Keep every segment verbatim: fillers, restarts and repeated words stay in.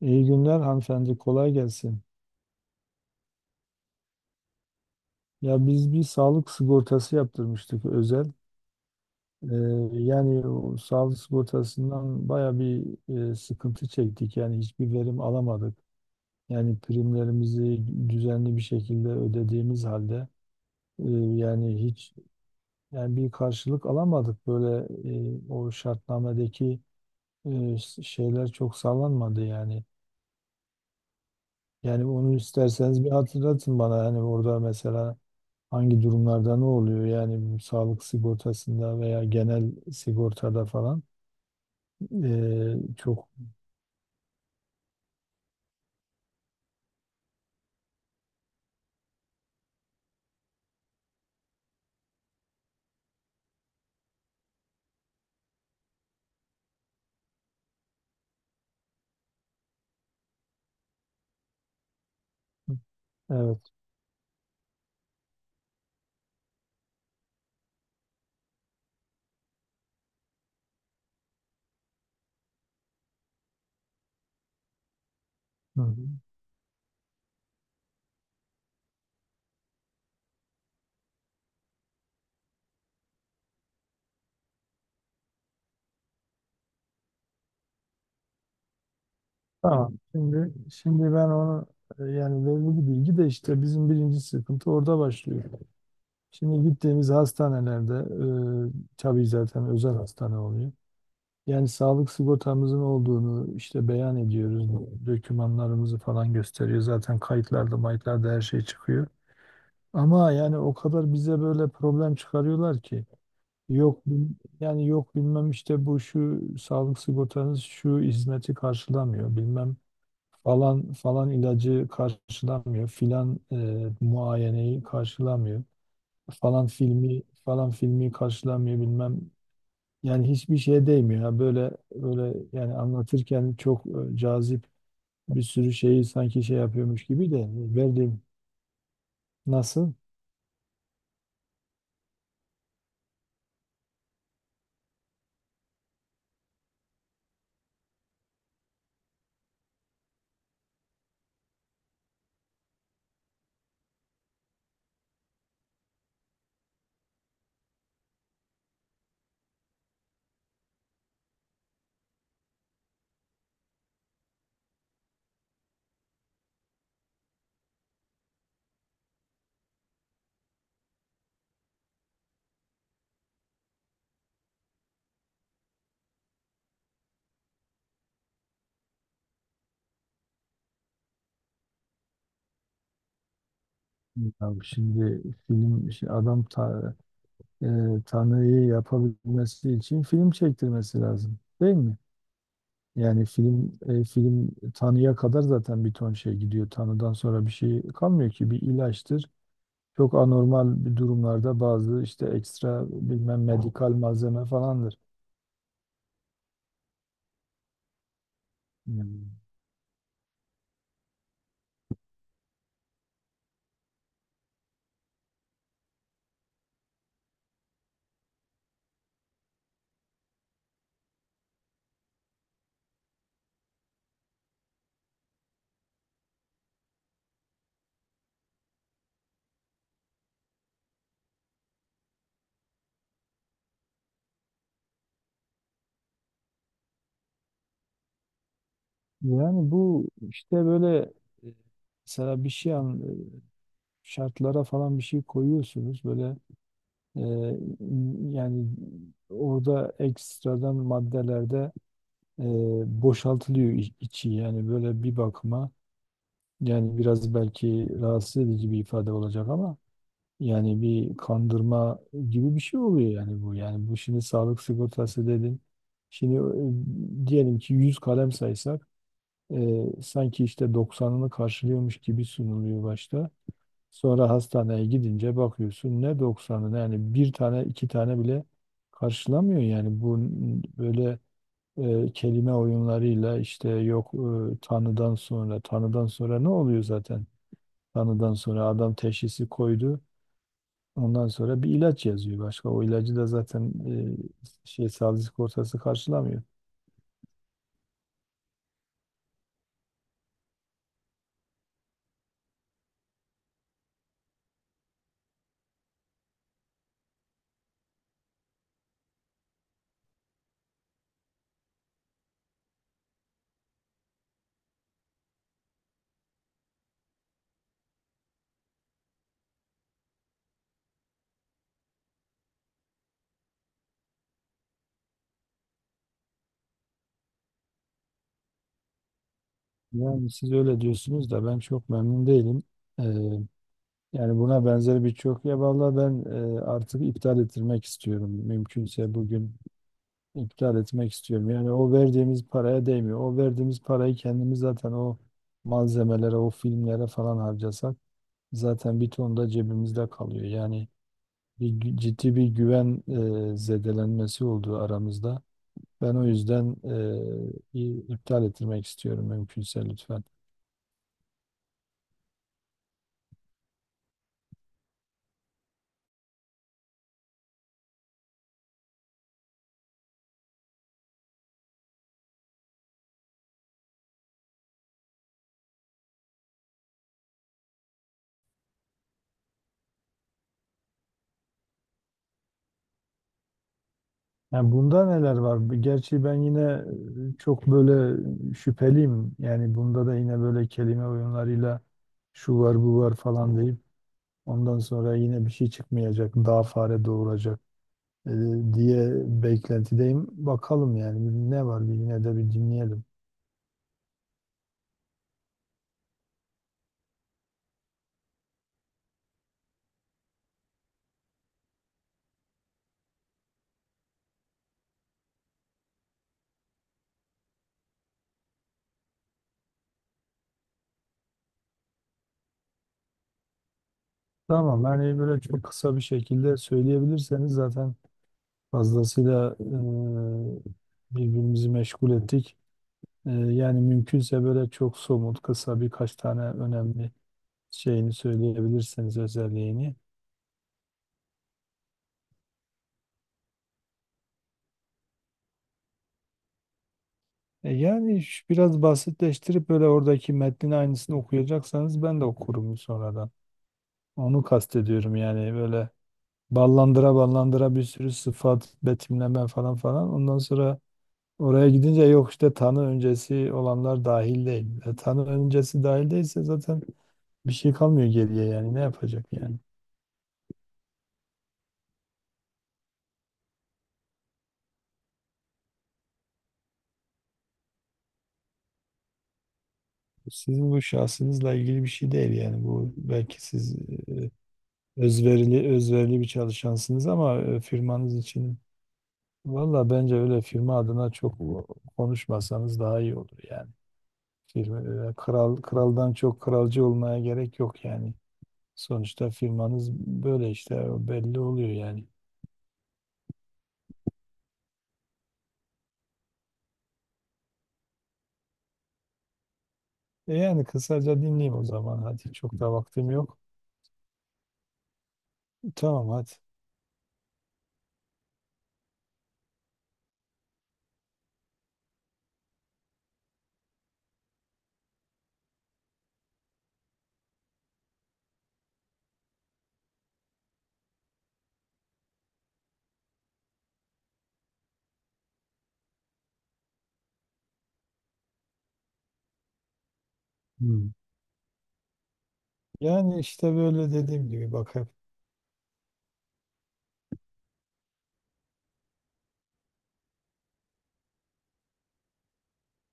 İyi günler hanımefendi, kolay gelsin. Ya biz bir sağlık sigortası yaptırmıştık özel. Ee, yani o sağlık sigortasından baya bir e, sıkıntı çektik. Yani hiçbir verim alamadık. Yani primlerimizi düzenli bir şekilde ödediğimiz halde, e, yani hiç, yani bir karşılık alamadık. Böyle e, o şartnamedeki e, şeyler çok sağlanmadı yani. Yani onu isterseniz bir hatırlatın bana. Yani orada mesela hangi durumlarda ne oluyor yani, bu sağlık sigortasında veya genel sigortada falan e, çok. Evet. Hı hı. Tamam. Şimdi şimdi ben onu, e, yani verili bir bilgi de, işte bizim birinci sıkıntı orada başlıyor. Şimdi gittiğimiz hastanelerde e, tabii zaten özel hastane oluyor. Yani sağlık sigortamızın olduğunu işte beyan ediyoruz. Dokümanlarımızı falan gösteriyor. Zaten kayıtlarda, mayıtlarda her şey çıkıyor. Ama yani o kadar bize böyle problem çıkarıyorlar ki, yok bil- yani yok bilmem, işte bu şu sağlık sigortanız şu hizmeti karşılamıyor, bilmem falan falan ilacı karşılamıyor, filan e, muayeneyi karşılamıyor, falan filmi falan filmi karşılamıyor, bilmem. Yani hiçbir şeye değmiyor ya, böyle böyle. Yani anlatırken çok e, cazip, bir sürü şeyi sanki şey yapıyormuş gibi de verdiğim, nasıl? Abi şimdi film şey, adam ta, e, Tanrı'yı yapabilmesi için film çektirmesi lazım değil mi? Yani film e, film Tanrı'ya kadar zaten bir ton şey gidiyor. Tanrı'dan sonra bir şey kalmıyor ki bir ilaçtır. Çok anormal bir durumlarda bazı işte ekstra bilmem medikal malzeme falandır. Hmm. Yani bu işte böyle, e, mesela bir şey an, e, şartlara falan bir şey koyuyorsunuz böyle. Ee, yani orada ekstradan maddelerde e, boşaltılıyor iç- içi, yani böyle bir bakıma, yani biraz belki rahatsız edici bir ifade olacak ama yani bir kandırma gibi bir şey oluyor. Yani bu, yani bu, şimdi sağlık sigortası dedin, şimdi e, diyelim ki yüz kalem saysak e, sanki işte doksanını karşılıyormuş gibi sunuluyor başta. Sonra hastaneye gidince bakıyorsun, ne doksanı, yani bir tane iki tane bile karşılamıyor. Yani bu böyle e, kelime oyunlarıyla, işte yok e, tanıdan sonra tanıdan sonra ne oluyor zaten? Tanıdan sonra adam teşhisi koydu. Ondan sonra bir ilaç yazıyor başka. O ilacı da zaten e, şey sağlık sigortası karşılamıyor. Yani siz öyle diyorsunuz da ben çok memnun değilim. Ee, yani buna benzer birçok, ya vallahi ben e, artık iptal ettirmek istiyorum. Mümkünse bugün iptal etmek istiyorum. Yani o verdiğimiz paraya değmiyor. O verdiğimiz parayı kendimiz zaten o malzemelere, o filmlere falan harcasak zaten bir ton da cebimizde kalıyor. Yani bir, gü- ciddi bir güven e, zedelenmesi olduğu aramızda. Ben o yüzden e, i- iptal ettirmek istiyorum mümkünse, lütfen. Yani bunda neler var? Gerçi ben yine e, çok böyle şüpheliyim. Yani bunda da yine böyle kelime oyunlarıyla şu var bu var falan deyip, ondan sonra yine bir şey çıkmayacak, daha fare doğuracak e, diye beklentideyim. Bakalım yani, ne var, bir yine de bir dinleyelim. Tamam, yani böyle çok kısa bir şekilde söyleyebilirseniz, zaten fazlasıyla e, birbirimizi meşgul ettik. E, Yani mümkünse böyle çok somut, kısa birkaç tane önemli şeyini söyleyebilirseniz, özelliğini. E, yani şu- biraz basitleştirip böyle, oradaki metnin aynısını okuyacaksanız ben de okurum sonradan. Onu kastediyorum, yani böyle ballandıra ballandıra bir sürü sıfat, betimleme, falan falan. Ondan sonra oraya gidince, yok işte tanı öncesi olanlar dahil değil. E, tanı öncesi dahil değilse zaten bir şey kalmıyor geriye, yani ne yapacak yani. Sizin bu şahsınızla ilgili bir şey değil, yani bu belki siz e, özverili özverili bir çalışansınız ama e, firmanız için, valla bence öyle firma adına çok konuşmasanız daha iyi olur yani. Firma, e, kral kraldan çok kralcı olmaya gerek yok yani. Sonuçta firmanız böyle, işte o belli oluyor yani. E yani kısaca dinleyeyim o zaman, hadi çok da vaktim yok. Tamam, hadi. Hmm. Yani işte böyle dediğim gibi, bak hep.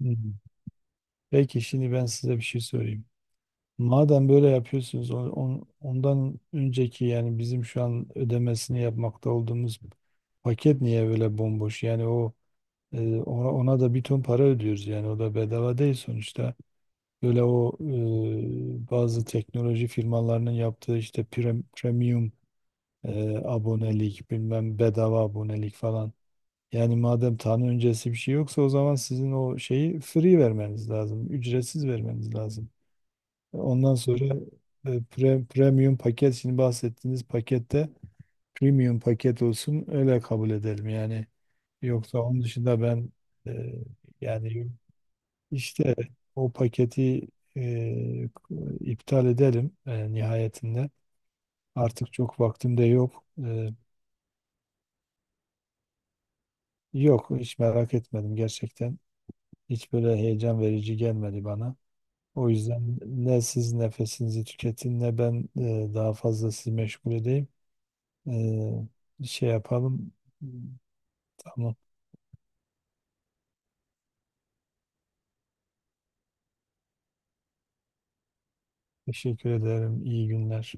Hı. Peki şimdi ben size bir şey sorayım. Madem böyle yapıyorsunuz, on- on- ondan önceki, yani bizim şu an ödemesini yapmakta olduğumuz paket, niye böyle bomboş? Yani o, e, ona, ona da bir ton para ödüyoruz, yani o da bedava değil sonuçta. Böyle o e, bazı teknoloji firmalarının yaptığı işte pre- premium e, abonelik, bilmem bedava abonelik falan. Yani madem tanı öncesi bir şey yoksa, o zaman sizin o şeyi free vermeniz lazım, ücretsiz vermeniz lazım. Ondan sonra e, pre- premium paket, şimdi bahsettiğiniz pakette premium paket olsun, öyle kabul edelim yani. Yoksa onun dışında ben e, yani işte o paketi e, iptal edelim e, nihayetinde. Artık çok vaktim de yok. E, yok hiç merak etmedim gerçekten. Hiç böyle heyecan verici gelmedi bana. O yüzden ne siz nefesinizi tüketin, ne ben e, daha fazla sizi meşgul edeyim. Ee, şey yapalım. Tamam. Teşekkür ederim. İyi günler.